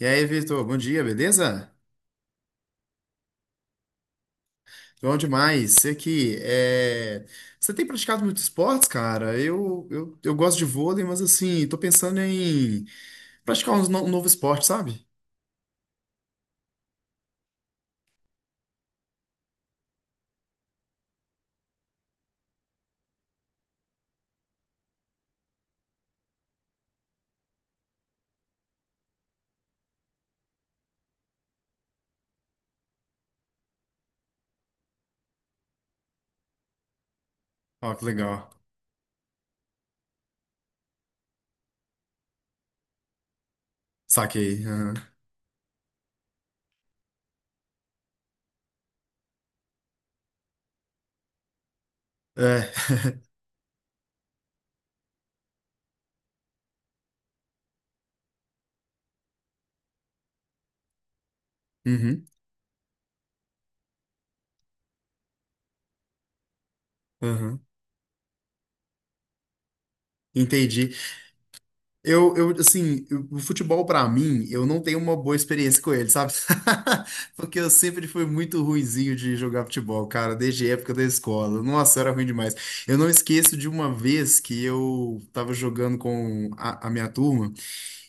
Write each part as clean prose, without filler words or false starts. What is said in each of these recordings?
E aí, Vitor, bom dia, beleza? Bom demais. Você que é... Você tem praticado muitos esportes, cara? Eu gosto de vôlei, mas assim, tô pensando em praticar uns no- um novo esporte, sabe? Ó, que legal. Saquei, aham. É. Uhum. Uhum. Entendi. O futebol pra mim, eu não tenho uma boa experiência com ele, sabe? Porque eu sempre fui muito ruinzinho de jogar futebol, cara, desde a época da escola. Nossa, era ruim demais. Eu não esqueço de uma vez que eu tava jogando com a minha turma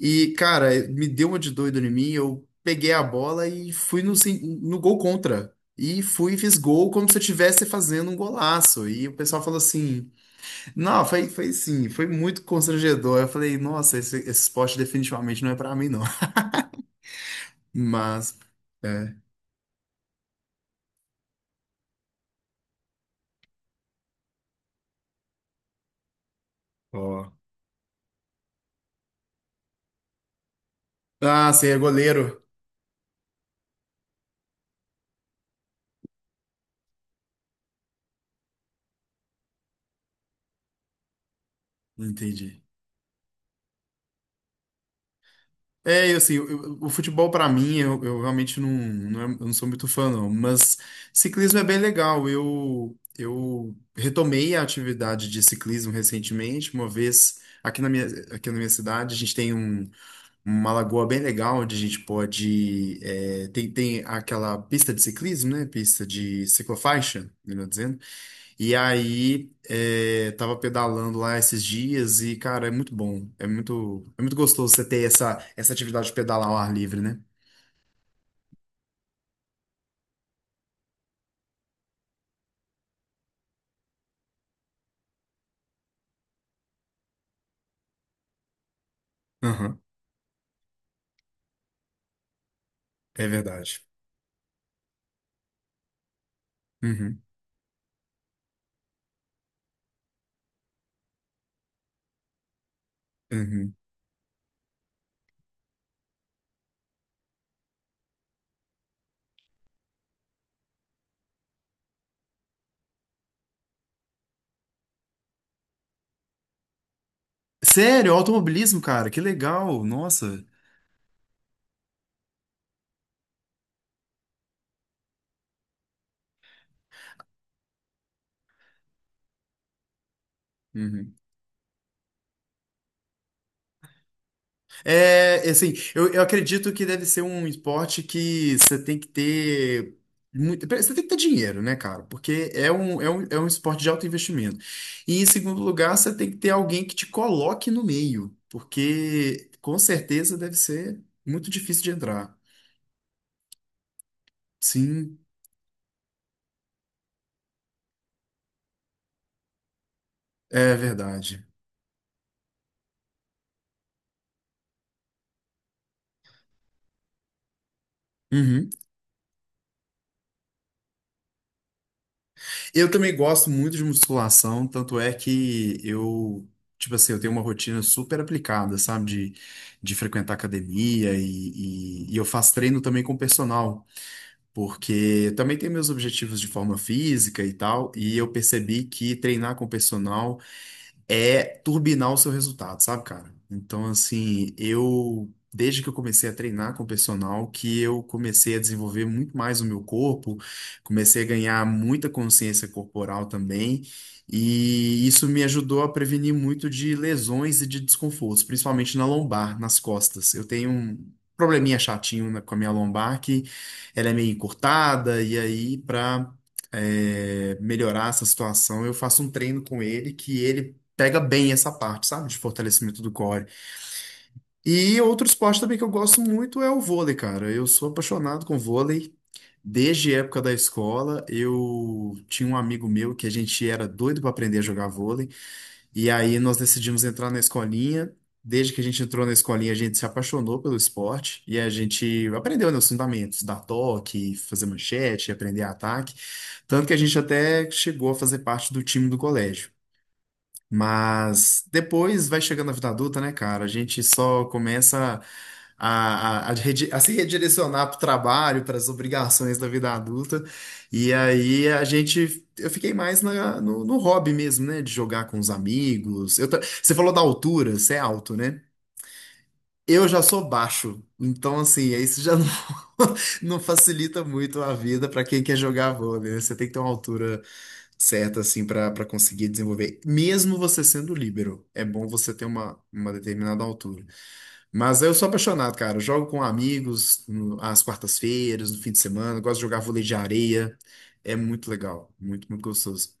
e, cara, me deu uma de doido em mim, eu peguei a bola e fui no, no gol contra. E fui e fiz gol como se eu estivesse fazendo um golaço. E o pessoal falou assim. Não, foi, foi sim, foi muito constrangedor. Eu falei, nossa, esse esporte definitivamente não é pra mim, não. Mas, é. Ó, ah, você é goleiro. Entendi. É, eu, assim, eu- o futebol pra mim, eu realmente eu não sou muito fã, não. Mas ciclismo é bem legal. Eu retomei a atividade de ciclismo recentemente, uma vez aqui na minha cidade, a gente tem um. Uma lagoa bem legal onde a gente pode. É, tem aquela pista de ciclismo, né? Pista de ciclofaixa, melhor dizendo. E aí é, tava pedalando lá esses dias e, cara, é muito bom. É muito gostoso você ter essa atividade de pedalar ao ar livre, né? Aham, é verdade. Uhum, uhum. Sério, automobilismo, cara, que legal, nossa. Uhum. É, é, assim, eu acredito que deve ser um esporte que você tem que ter muito, você tem que ter dinheiro, né, cara? Porque é um esporte de alto investimento. E em segundo lugar, você tem que ter alguém que te coloque no meio, porque com certeza deve ser muito difícil de entrar. Sim, é verdade. Uhum. Eu também gosto muito de musculação, tanto é que eu, tipo assim, eu tenho uma rotina super aplicada, sabe? De, de frequentar academia e, e eu faço treino também com personal, porque eu também tenho meus objetivos de forma física e tal, e eu percebi que treinar com personal é turbinar o seu resultado, sabe, cara? Então, assim, eu, desde que eu comecei a treinar com o personal, que eu comecei a desenvolver muito mais o meu corpo, comecei a ganhar muita consciência corporal também, e isso me ajudou a prevenir muito de lesões e de desconfortos, principalmente na lombar, nas costas. Eu tenho um probleminha chatinho com a minha lombar, que ela é meio encurtada, e aí, pra é, melhorar essa situação, eu faço um treino com ele que ele pega bem essa parte, sabe? De fortalecimento do core. E outro esporte também que eu gosto muito é o vôlei, cara. Eu sou apaixonado com vôlei. Desde a época da escola, eu tinha um amigo meu que a gente era doido para aprender a jogar vôlei. E aí nós decidimos entrar na escolinha. Desde que a gente entrou na escolinha, a gente se apaixonou pelo esporte e a gente aprendeu, né, os fundamentos, dar toque, fazer manchete, aprender ataque. Tanto que a gente até chegou a fazer parte do time do colégio. Mas depois vai chegando a vida adulta, né, cara? A gente só começa a se redirecionar para o trabalho, para as obrigações da vida adulta. E aí a gente. Eu fiquei mais no hobby mesmo, né? De jogar com os amigos. Eu você falou da altura, você é alto, né? Eu já sou baixo, então assim, aí isso já não, não facilita muito a vida para quem quer jogar vôlei, né? Você tem que ter uma altura certa assim para conseguir desenvolver, mesmo você sendo líbero. É bom você ter uma determinada altura. Mas eu sou apaixonado, cara. Eu jogo com amigos às quartas-feiras, no fim de semana, eu gosto de jogar vôlei de areia. É muito legal, muito, muito gostoso.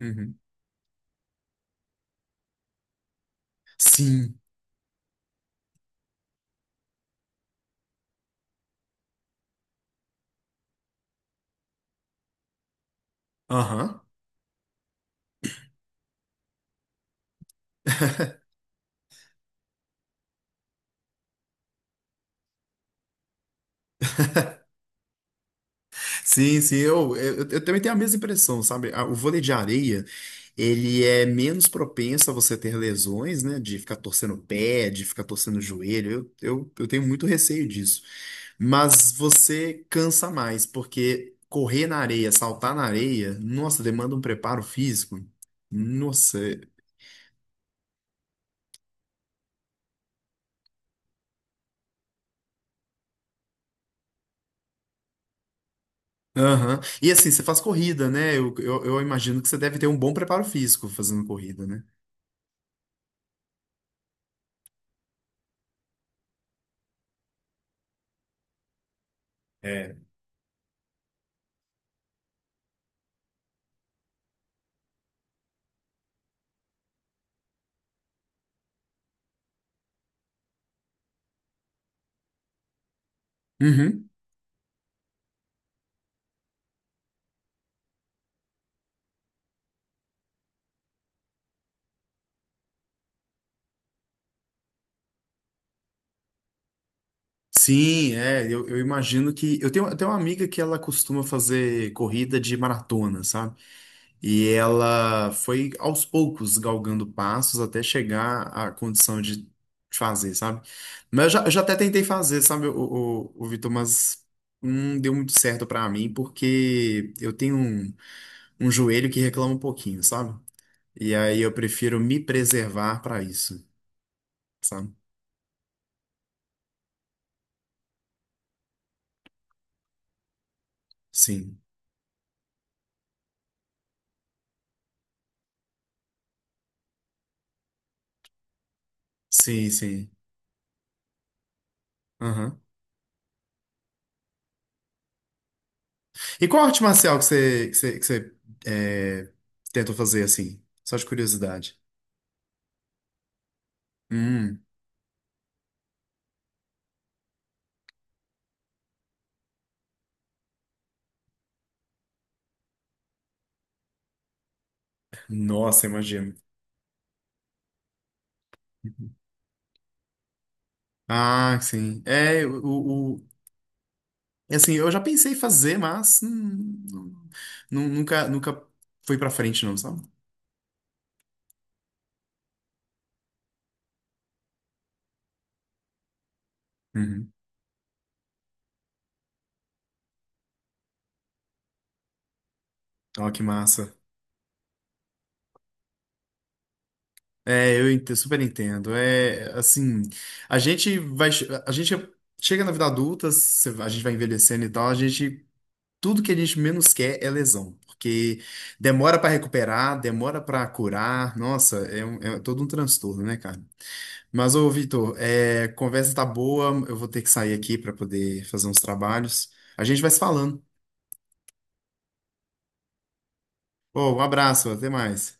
Uhum. Sim. Aham. Sim, sim, eu também tenho a mesma impressão, sabe? A- O vôlei de areia, ele é menos propenso a você ter lesões, né? De ficar torcendo o pé, de ficar torcendo o joelho. Eu tenho muito receio disso. Mas você cansa mais, porque correr na areia, saltar na areia, nossa, demanda um preparo físico. Nossa. É- aham. E assim, você faz corrida, né? Eu imagino que você deve ter um bom preparo físico fazendo corrida, né? É. Sim, é, eu imagino que. Eu tenho até uma amiga que ela costuma fazer corrida de maratona, sabe? E ela foi aos poucos galgando passos até chegar à condição de fazer, sabe? Mas eu já até tentei fazer, sabe, o Vitor, mas não deu muito certo pra mim, porque eu tenho um, um joelho que reclama um pouquinho, sabe? E aí eu prefiro me preservar pra isso, sabe? Sim, sim, sim. Aham. E qual arte marcial que você é, tentou fazer assim? Só de curiosidade. Hum, nossa, imagino. Ah, sim. É, assim, eu já pensei em fazer, mas nunca, nunca foi pra frente, não, sabe? Uhum. Ó, que massa. É, eu super entendo. É, assim, a gente vai, a gente chega na vida adulta, a gente vai envelhecendo e tal, a gente tudo que a gente menos quer é lesão, porque demora para recuperar, demora para curar. Nossa, é, um- é todo um transtorno, né, cara? Mas, ô, Vitor, é, conversa tá boa, eu vou ter que sair aqui para poder fazer uns trabalhos. A gente vai se falando. Ô, um abraço, até mais.